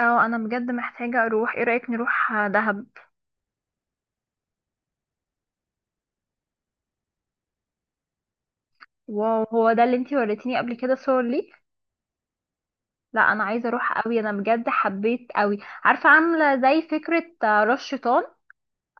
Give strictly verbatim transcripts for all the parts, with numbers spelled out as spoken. اه، انا بجد محتاجة اروح. ايه رأيك نروح دهب؟ واو، هو ده اللي انتي وريتيني قبل كده صور ليه؟ لا، انا عايزة اروح قوي، انا بجد حبيت قوي. عارفة، عاملة زي فكرة آه، راس شيطان.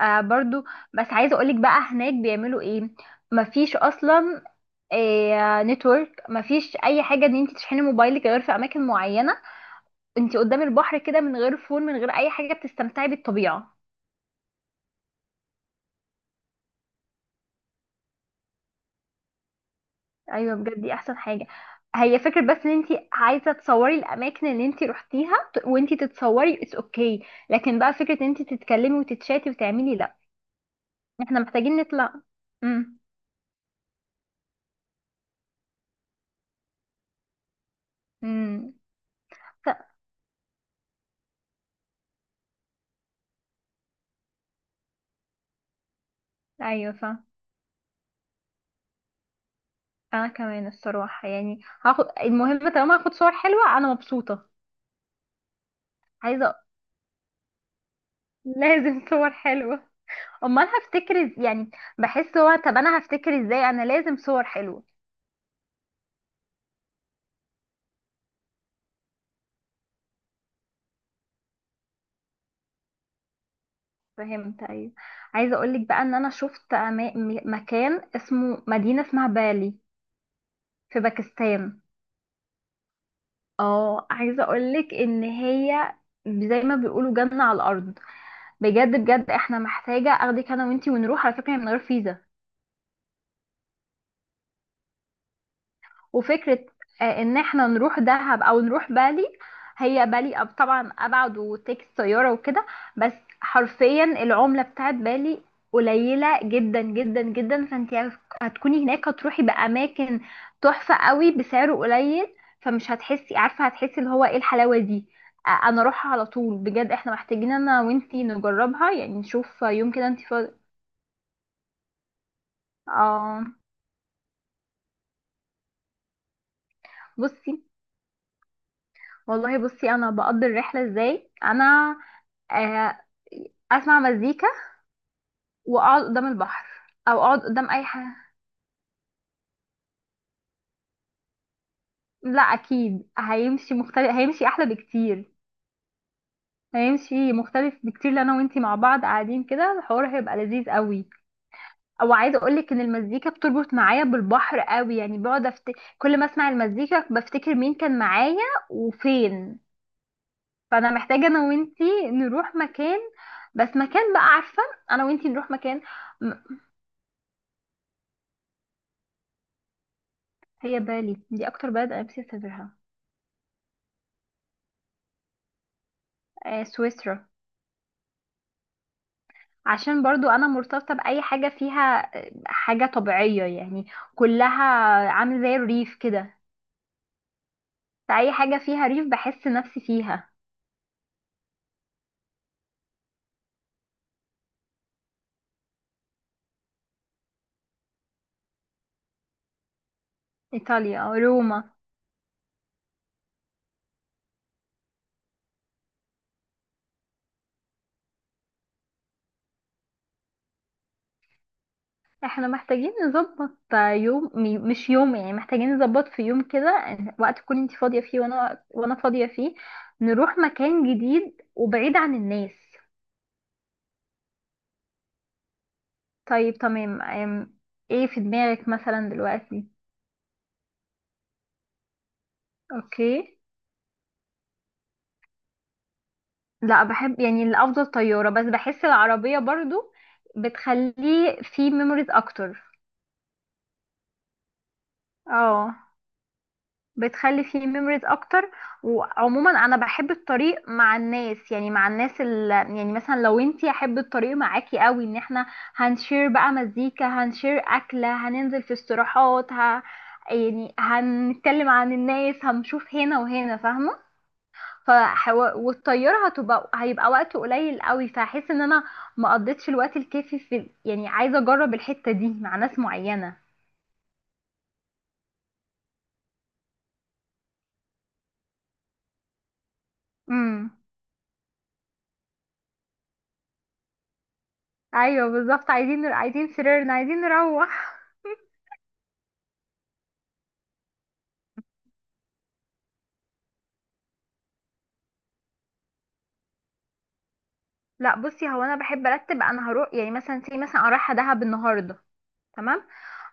آه، برضو. بس عايزة اقولك بقى، هناك بيعملوا ايه؟ مفيش اصلا. آه نتورك، مفيش اي حاجة ان انتي تشحني موبايلك غير في اماكن معينة. انتي قدام البحر كده، من غير فون، من غير اي حاجة، بتستمتعي بالطبيعة. ايوه، بجد دي احسن حاجه. هي فكره، بس ان انت عايزه تصوري الاماكن اللي انت روحتيها ت- وانت تتصوري اتس اوكي. لكن بقى فكره ان انت تتكلمي وتتشاتي وتعملي، لا. احنا محتاجين نطلع. امم. امم. ايوه. فا انا كمان الصراحه، يعني هاخد المهم، طالما هاخد صور حلوه انا مبسوطه. عايزه. لازم صور حلوه. امال هفتكر إز- يعني. بحس هو، طب انا هفتكر ازاي؟ انا لازم صور حلوه. فهمت، ايوه. عايزه اقولك بقى ان انا شفت أما- م- مكان، اسمه مدينه اسمها بالي. في باكستان. اه، عايزه اقولك ان هي، زي ما بيقولوا جنه على الارض. بجد بجد، احنا محتاجه اخدك انا وانتي ونروح. على فكره، هي من غير فيزا. وفكرة، آه، ان احنا نروح دهب او نروح بالي. هي بالي أب- طبعا ابعد، وتيكس طيارة وكده. بس، حرفيا العملة بتاعت بالي قليلة جدا جدا جدا، فانت هتكوني هناك، هتروحي بأماكن تحفة قوي بسعر قليل. فمش هتحسي، عارفة، هتحسي اللي هو، ايه الحلاوة دي. آه، انا اروحها على طول، بجد احنا محتاجين انا وانتي نجربها، يعني نشوف يوم كده انتي فاضية. اه. بصي. والله، بصي انا بقضي الرحله ازاي، انا آه، اسمع مزيكا. واقعد قدام البحر. او اقعد قدام اي حاجه. لا، اكيد هيمشي مختلف، هيمشي احلى بكتير. هيمشي مختلف بكتير، لو انا وانتي مع بعض قاعدين كده الحوار هيبقى لذيذ قوي. او عايزه اقولك ان المزيكا بتربط معايا بالبحر قوي، يعني بقعد أفت... كل ما اسمع المزيكا بفتكر مين كان معايا، وفين. فانا محتاجه انا وانتي نروح مكان. بس مكان بقى، عارفه. انا وانتي نروح مكان. هي بالي دي اكتر بلد انا نفسي اسافرها. آه سويسرا. عشان برضو انا مرتبطة باي حاجة فيها آه، حاجة طبيعية، يعني. كلها. عامل زي الريف كده. فاي حاجة فيها ريف بحس نفسي فيها. ايطاليا، روما. احنا محتاجين نظبط يوم م- مش يوم، يعني محتاجين نظبط في يوم كده، آه، وقت تكون انت فاضية فيه وانا وانا فاضية فيه. نروح مكان جديد وبعيد عن الناس. طيب، تمام. آم، ايه في دماغك مثلا دلوقتي؟ اوكي. لا، بحب، يعني الافضل طياره، بس بحس العربيه برضو بتخليه فيه ميموريز اكتر. اه، بتخلي فيه ميموريز اكتر. وعموما انا بحب الطريق مع الناس، يعني مع الناس ال... يعني مثلا لو انتي، احب الطريق معاكي قوي ان احنا هنشير بقى مزيكا، هنشير اكله، هننزل في استراحات ه... يعني هنتكلم عن الناس، هنشوف هنا وهنا، فاهمه. فحو... والطياره هتبقى هيبقى وقت قليل قوي، فهحس ان انا ما قضيتش الوقت الكافي في، يعني عايزه اجرب الحته دي مع ناس معينه. امم. ايوه بالظبط، عايزين نر... عايزين سريرنا، عايزين نروح. لا، بصي، هو انا بحب ارتب، انا هروح يعني مثلا زي مثلا انا رايحه دهب النهارده. تمام.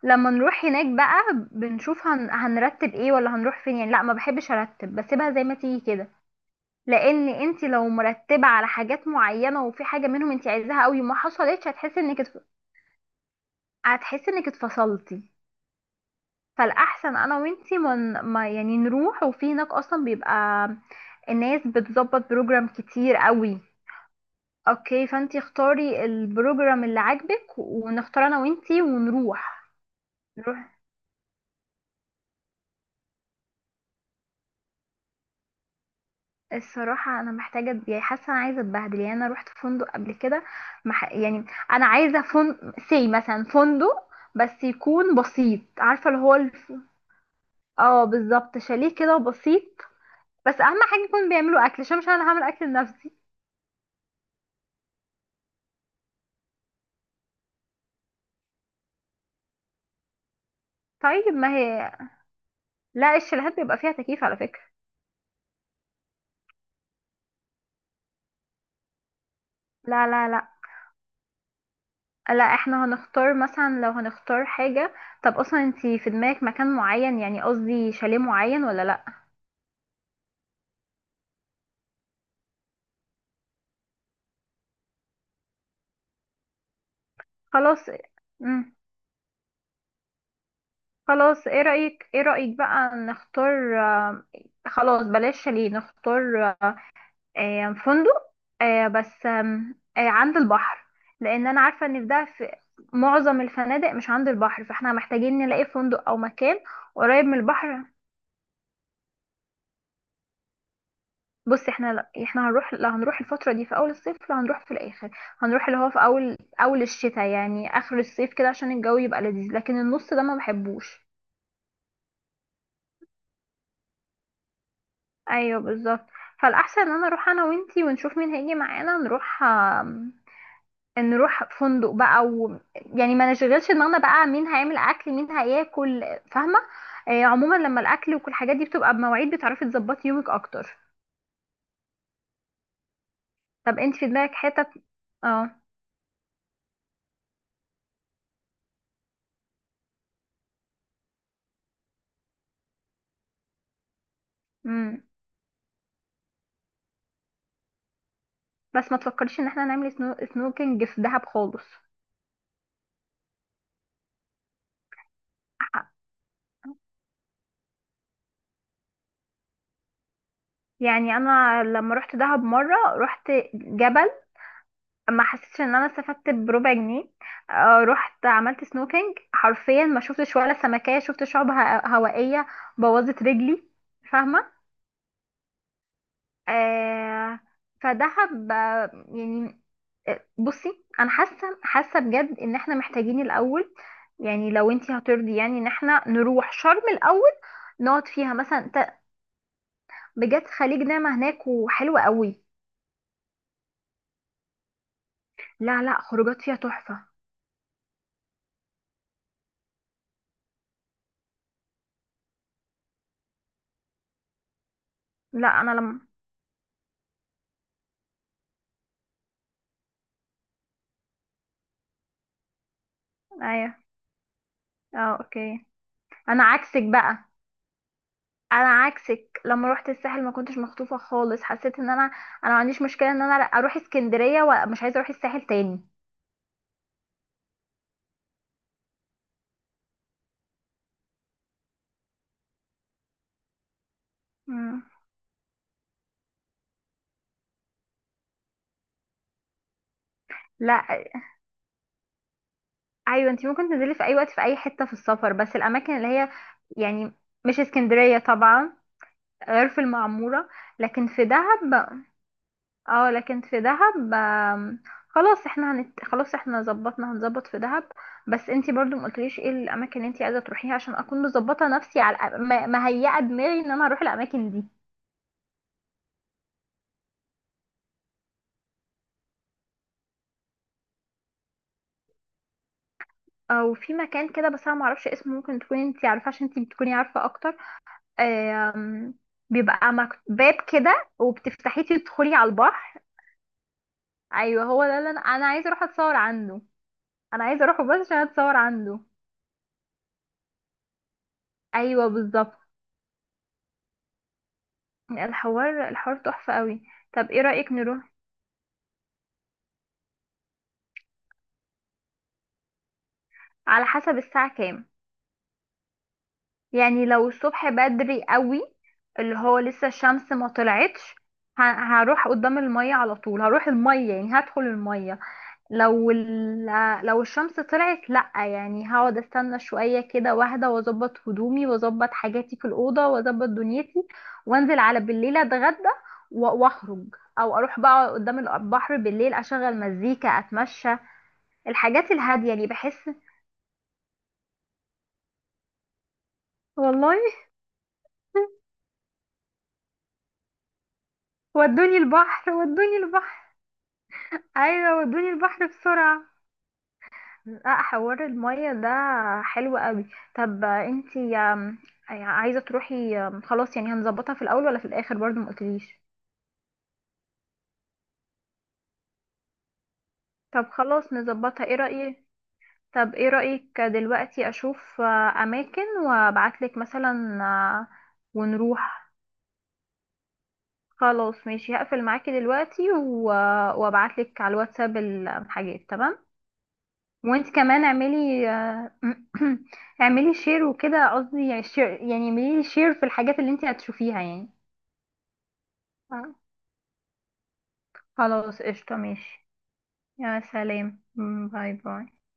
لما نروح هناك بقى بنشوف هن... هنرتب ايه، ولا هنروح فين. يعني لا، ما بحبش ارتب، بسيبها زي ما تيجي كده. لان انت لو مرتبه على حاجات معينه، وفي حاجه منهم انت عايزاها قوي ما حصلتش، هتحسي انك هتحسي انك اتفصلتي. فالاحسن انا وانتي من ما يعني نروح، وفي هناك اصلا بيبقى الناس بتظبط بروجرام كتير قوي. اوكي، فانتي اختاري البروجرام اللي عاجبك، ونختار انا وانتي ونروح. نروح. الصراحة، أنا محتاجة أتبيع، حاسة أنا عايزة أتبهدل، يعني أنا روحت فندق قبل كده. مح... يعني، أنا عايزة فندق، سي مثلا فندق، بس يكون بسيط، عارفة اللي هو الف... اه بالظبط، شاليه كده بسيط. بس اهم حاجه يكون بيعملوا اكل، عشان مش انا هعمل اكل لنفسي. طيب، ما هي، لا الشاليهات بيبقى فيها تكييف، على فكره. لا، لا، لا. لا، احنا هنختار مثلا، لو هنختار حاجه. طب اصلا، انتي في دماغك مكان معين؟ يعني قصدي شاليه معين ولا لا؟ خلاص. امم. خلاص، ايه رايك ايه رايك بقى نختار آه، خلاص بلاش شاليه، نختار آه، آه، فندق. آه، بس آم، آه، عند البحر. لان انا عارفه ان في ده في معظم الفنادق مش عند البحر، فاحنا محتاجين نلاقي فندق او مكان قريب من البحر. بص، احنا لا احنا هنروح، لا هنروح الفتره دي في اول الصيف، لا هنروح في الاخر. هنروح اللي هو في اول اول الشتاء، يعني اخر الصيف كده عشان الجو يبقى لذيذ، لكن النص ده ما بحبوش. ايوه بالظبط. فالاحسن ان انا اروح انا وانتي ونشوف مين هيجي معانا، نروح نروح فندق بقى و... يعني ما نشغلش دماغنا بقى مين هيعمل اكل مين هياكل. فاهمه. آه عموما، لما الاكل وكل الحاجات دي بتبقى بمواعيد، بتعرفي تظبطي يومك اكتر. طب انت في دماغك حتت؟ اه. امم. بس ما تفكريش ان احنا نعمل سنو... سنوكينج في دهب خالص. يعني انا لما رحت دهب مره رحت جبل، ما حسيتش ان انا استفدت بربع جنيه. آه، رحت عملت سنوكينج، حرفيا ما شفتش ولا سمكيه، شفت شعب ه- هوائيه. بوظت رجلي. فاهمه. آه فدهب، آه، يعني، آه، بصي انا حاسه حاسه بجد ان احنا محتاجين الاول، يعني لو انتي هترضي، يعني ان احنا نروح شرم الاول، نقعد فيها مثلا ت- بجد، خليج نعمة هناك وحلوة قوي. لا لا، خروجات فيها تحفه. لا، انا لما، ايوه، اه، اوكي. انا عكسك بقى. انا عكسك، لما روحت الساحل ما كنتش مخطوفه خالص، حسيت ان انا، انا ما عنديش مشكله ان انا اروح اسكندريه، ومش عايزه اروح الساحل تاني. مم. لا، ايوه انت ممكن تنزلي في اي وقت في اي حته في السفر، بس الاماكن اللي هي، يعني، مش اسكندريه طبعا، غير في المعموره. لكن في دهب، اه لكن في دهب. آم، خلاص احنا هنت... خلاص احنا ظبطنا، هنظبط في دهب. بس انت برضو ما قلتليش ايه الاماكن اللي انت عايزه تروحيها، عشان اكون مظبطه نفسي على الأ- م- مهيئه دماغي ان انا هروح الاماكن دي. او في مكان كده، بس انا ما اعرفش اسمه، ممكن تكوني انت عارفه عشان انت بتكوني عارفه اكتر. آم، بيبقى مك- باب كده، وبتفتحيه تدخلي على البحر. ايوه، هو ده اللي انا انا عايزه اروح اتصور عنده. انا عايزه اروحه بس عشان اتصور عنده. ايوه بالظبط. الحوار الحوار تحفه قوي. طب ايه رايك نروح؟ على حسب الساعه كام. يعني لو الصبح بدري قوي، اللي هو لسه الشمس ما طلعتش، ه- هروح قدام الميه على طول، هروح الميه، يعني هدخل الميه. لو ال... لو الشمس طلعت لأ، يعني هقعد استنى شوية كده واحدة، واظبط هدومي واظبط حاجاتي في الأوضة واظبط دنيتي، وانزل على بالليل اتغدى و- واخرج. او اروح بقى قدام البحر بالليل، اشغل مزيكا، اتمشى، الحاجات الهادية. يعني بحس. والله. ودوني البحر، ودوني البحر. ايوه، ودوني البحر بسرعة. لا، حوار المية ده حلو قوي. طب انتي آم، يعني عايزة تروحي، آم، خلاص، يعني هنظبطها في الأول ولا في الآخر؟ برضو ما قلتليش. طب خلاص نظبطها، ايه رأيك؟ طب ايه رأيك دلوقتي أشوف آه، أماكن، وأبعتلك مثلا آه، ونروح. خلاص ماشي، هقفل معاكي دلوقتي و- آه، وأبعتلك على الواتساب الحاجات، تمام. وانت كمان اعملي آه، اعملي شير وكده، قصدي يعني شير، يعني اعملي شير في الحاجات اللي انت هتشوفيها، يعني آه، خلاص قشطة ماشي. يا سلام، مم، باي باي.